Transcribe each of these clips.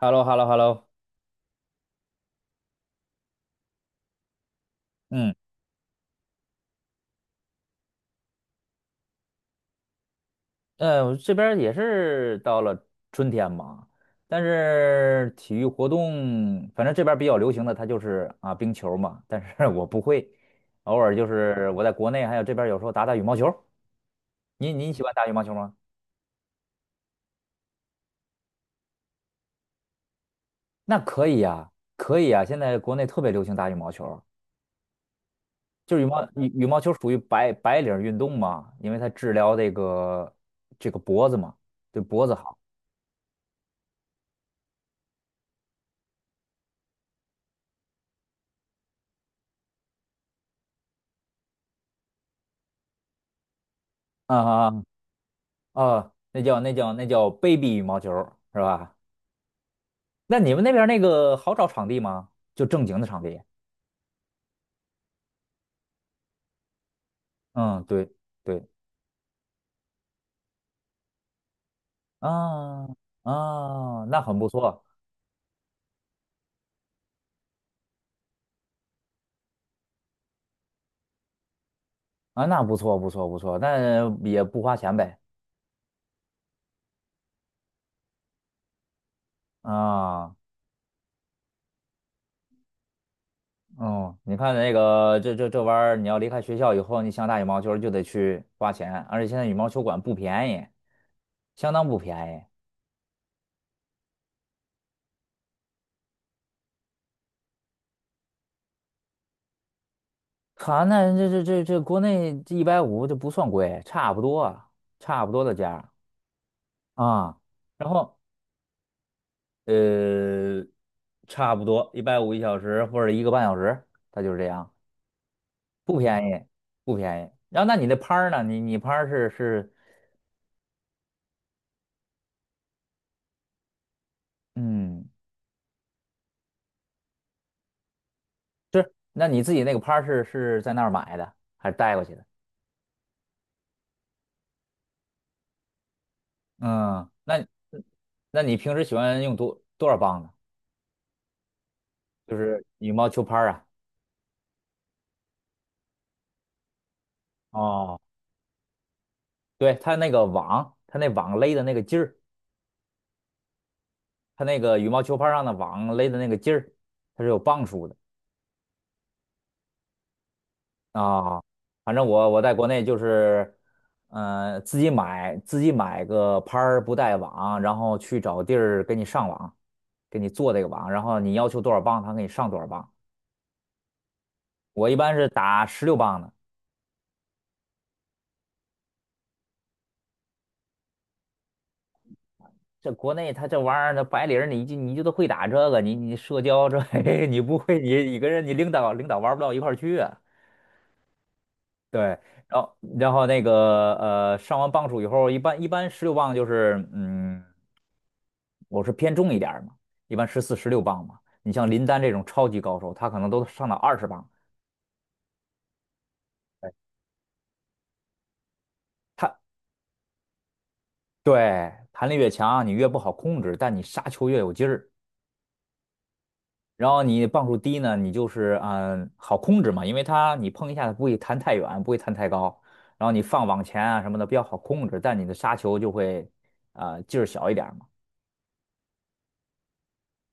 h e l l o h e l l o h e l l o 嗯，我这边儿也是到了春天嘛。但是体育活动，反正这边儿比较流行的，它就是啊冰球嘛，但是 我不会，偶尔就是我在国内还有这边儿有时候打打羽毛球。您喜欢打羽毛球吗？那可以呀，可以呀。现在国内特别流行打羽毛球，就是羽毛球属于白领运动嘛，因为它治疗这个脖子嘛，对脖子好。啊啊啊，哦，那叫 baby 羽毛球儿是吧？那你们那边儿那个好找场地吗？就正经的场地？嗯，对对，啊啊，那很不错啊，那不错不错不错，那也不花钱呗，啊。嗯，你看那个这玩意儿，你要离开学校以后，你想打羽毛球儿就得去花钱，而且现在羽毛球馆不便宜，相当不便宜。哈，那这国内一百五，这150，这不算贵，差不多的价。啊，然后呃，差不多一百五1小时或者1个半小时，它就是这样，不便宜，不便宜。然后那你那拍儿呢？你拍儿嗯是，那你自己那个拍儿是在那儿买的还是带过去的？嗯，那你平时喜欢用多少磅呢？就是羽毛球拍儿啊？哦，对，它那个网，它那网勒的那个劲儿，它那个羽毛球拍儿上的网勒的那个劲儿，它是有磅数的。啊，反正我在国内就是，自己买个拍儿不带网，然后去找地儿给你上网，给你做这个网，然后你要求多少磅，他给你上多少磅。我一般是打十六磅的。这国内他这玩意儿，那白领儿你就都会打这个，你社交这 你不会，你跟人你领导玩不到一块儿去啊。对，然后那个上完磅数以后，一般十六磅就是。我是偏重一点儿嘛，一般14、十六磅嘛。你像林丹这种超级高手，他可能都上到20磅。哎，他对弹力越强，你越不好控制，但你杀球越有劲儿。然后你磅数低呢，你就是好控制嘛，因为它你碰一下它不会弹太远，不会弹太高。然后你放网前啊什么的比较好控制，但你的杀球就会啊、劲儿小一点儿嘛。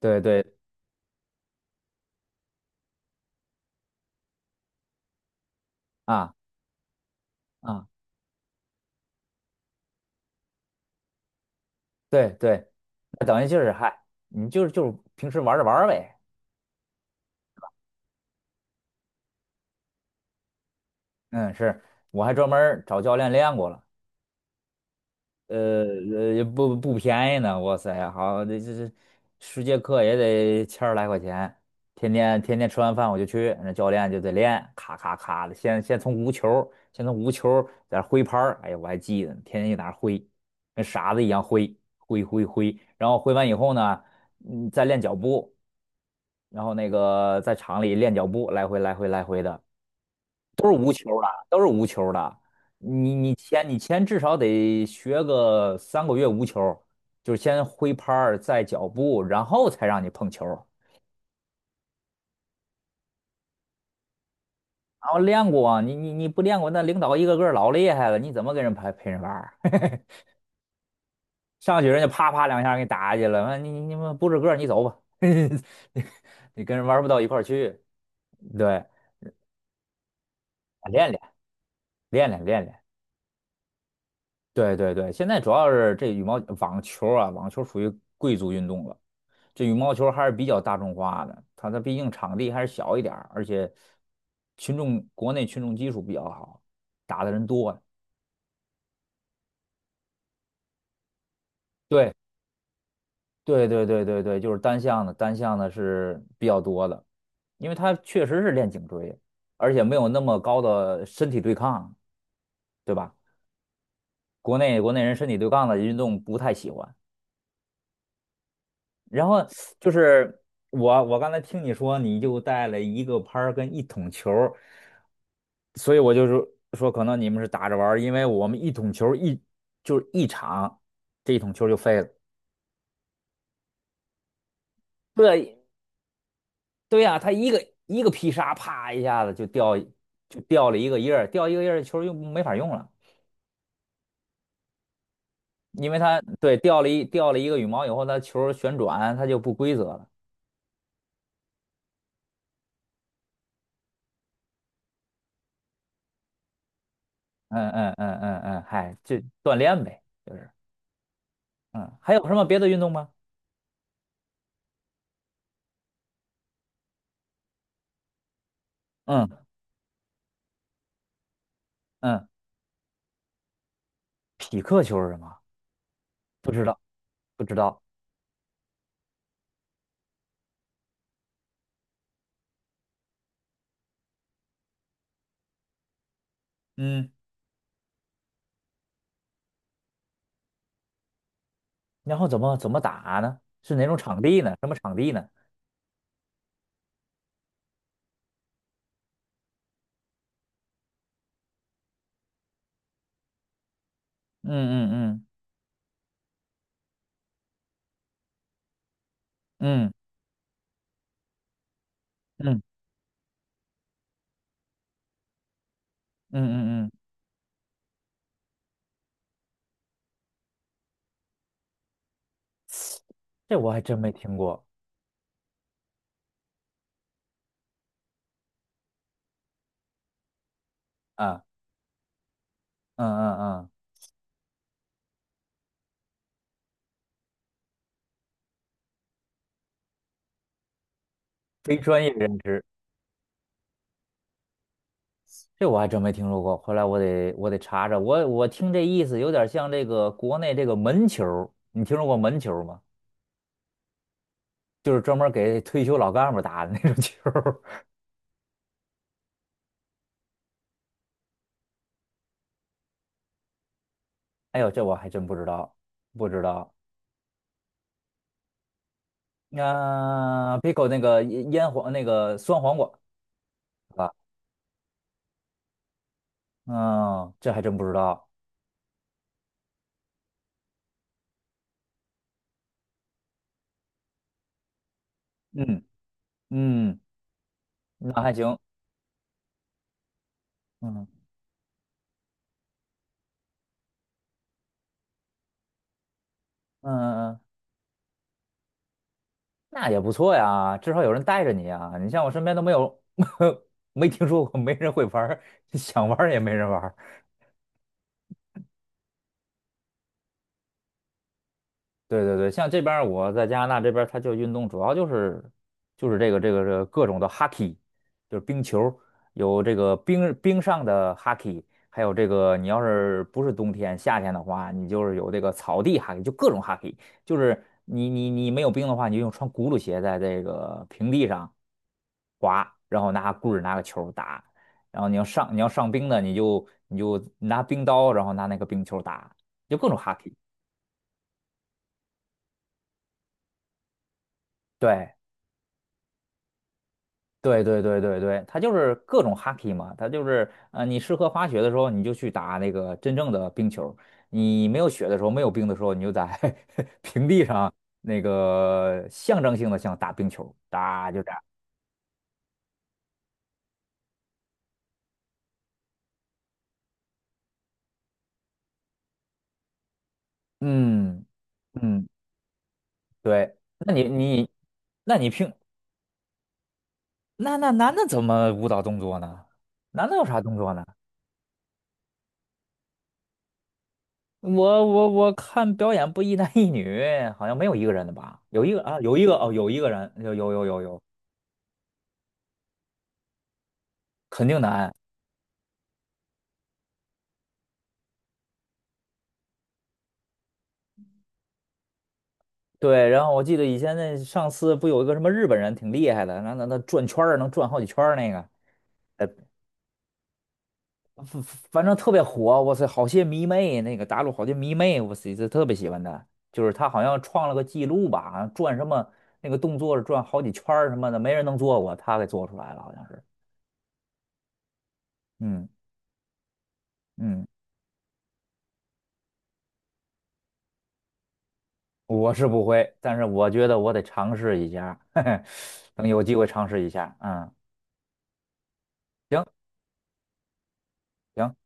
对对，啊啊，对对。那等于就是嗨，你就是平时玩着玩儿呗。嗯，是，我还专门儿找教练练过了。呃也不便宜呢，哇塞，好，这10节课也得千儿来块钱。天天吃完饭我就去，那教练就得练，咔咔咔的，先从无球儿在那儿挥拍儿。哎呀，我还记得呢，天天就在那儿挥，跟傻子一样挥挥挥挥。然后挥完以后呢，嗯，再练脚步，然后那个在场里练脚步，来回来回来回的。都是无球的。你前至少得学个3个月无球，就是先挥拍儿，再脚步，然后才让你碰球。然后练过啊，你不练过，那领导一个个老厉害了，你怎么跟人陪陪人玩儿 上去人家啪啪两下给你打下去了，完你们不是个儿你走吧，你跟人玩不到一块儿去。对，练练练练练练。对对对，现在主要是这羽毛网球啊，网球属于贵族运动了，这羽毛球还是比较大众化的，它毕竟场地还是小一点儿，而且国内群众基础比较好，打的人多呀。对对对对对对，就是单项的，单项的是比较多的，因为它确实是练颈椎，而且没有那么高的身体对抗，对吧？国内人身体对抗的运动不太喜欢。然后就是我刚才听你说你就带了一个拍儿跟一桶球儿，所以我就是说可能你们是打着玩儿。因为我们一桶球儿就是一场，这一桶球儿就废了。对，对呀、他一个一个劈杀，啪一下子就掉了一个叶儿，掉一个叶儿球儿又没法用了，因为它对掉了一个羽毛以后，它球儿旋转它就不规则了。嗯嗯嗯嗯嗯，嗨，就锻炼呗，就是嗯，还有什么别的运动吗？嗯。嗯，匹克球是什么？不知道，不知道。嗯然后怎么打呢？是哪种场地呢？什么场地呢？嗯嗯嗯嗯嗯嗯嗯嗯，这我还真没听过啊。嗯嗯嗯，非专业认知，这我还真没听说过。后来我得查查，我听这意思有点像这个国内这个门球儿，你听说过门球儿吗？就是专门给退休老干部打的那种球儿。哎呦，这我还真不知道，不知道。啊，Pico 那个酸黄瓜。啊，嗯，这还真不知道。嗯嗯，那还行。嗯嗯嗯，那也不错呀，至少有人带着你啊。你像我身边都没有，没听说过，没人会玩儿，想玩儿也没人玩。对对对，像这边儿我在加拿大这边儿，它就运动主要就是这个各种的 hockey，就是冰球儿，有这个冰上的 hockey，还有这个你要是不是冬天夏天的话，你就是有这个草地 hockey，就各种 hockey，就是你没有冰的话，你就用穿轱辘鞋在这个平地上滑，然后拿棍儿拿个球儿打。然后你要上冰的，你就拿冰刀，然后拿那个冰球儿打，就各种 hockey，对。对对对对对，它就是各种 hockey 嘛，它就是你适合滑雪的时候，你就去打那个真正的冰球；你没有雪的时候，没有冰的时候，你就在 平地上那个象征性的像打冰球，打就打。嗯嗯，对。那你你，那你平那那男的怎么舞蹈动作呢？男的有啥动作呢？我看表演不一男一女，好像没有一个人的吧？有一个啊，有一个哦，有一个人，有有有有有，肯定难。对，然后我记得以前那上次不有一个什么日本人挺厉害的，那转圈儿能转好几圈儿那个。呃，反正特别火，哇塞，好些迷妹，那个大陆好些迷妹，我塞，这特别喜欢他，就是他好像创了个记录吧，好像转什么那个动作是转好几圈儿什么的，没人能做过，他给做出来了，好像是。嗯嗯，我是不会，但是我觉得我得尝试一下，嘿嘿，等有机会尝试一下，嗯，行行，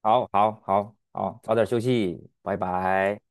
好好好好，早点休息，拜拜。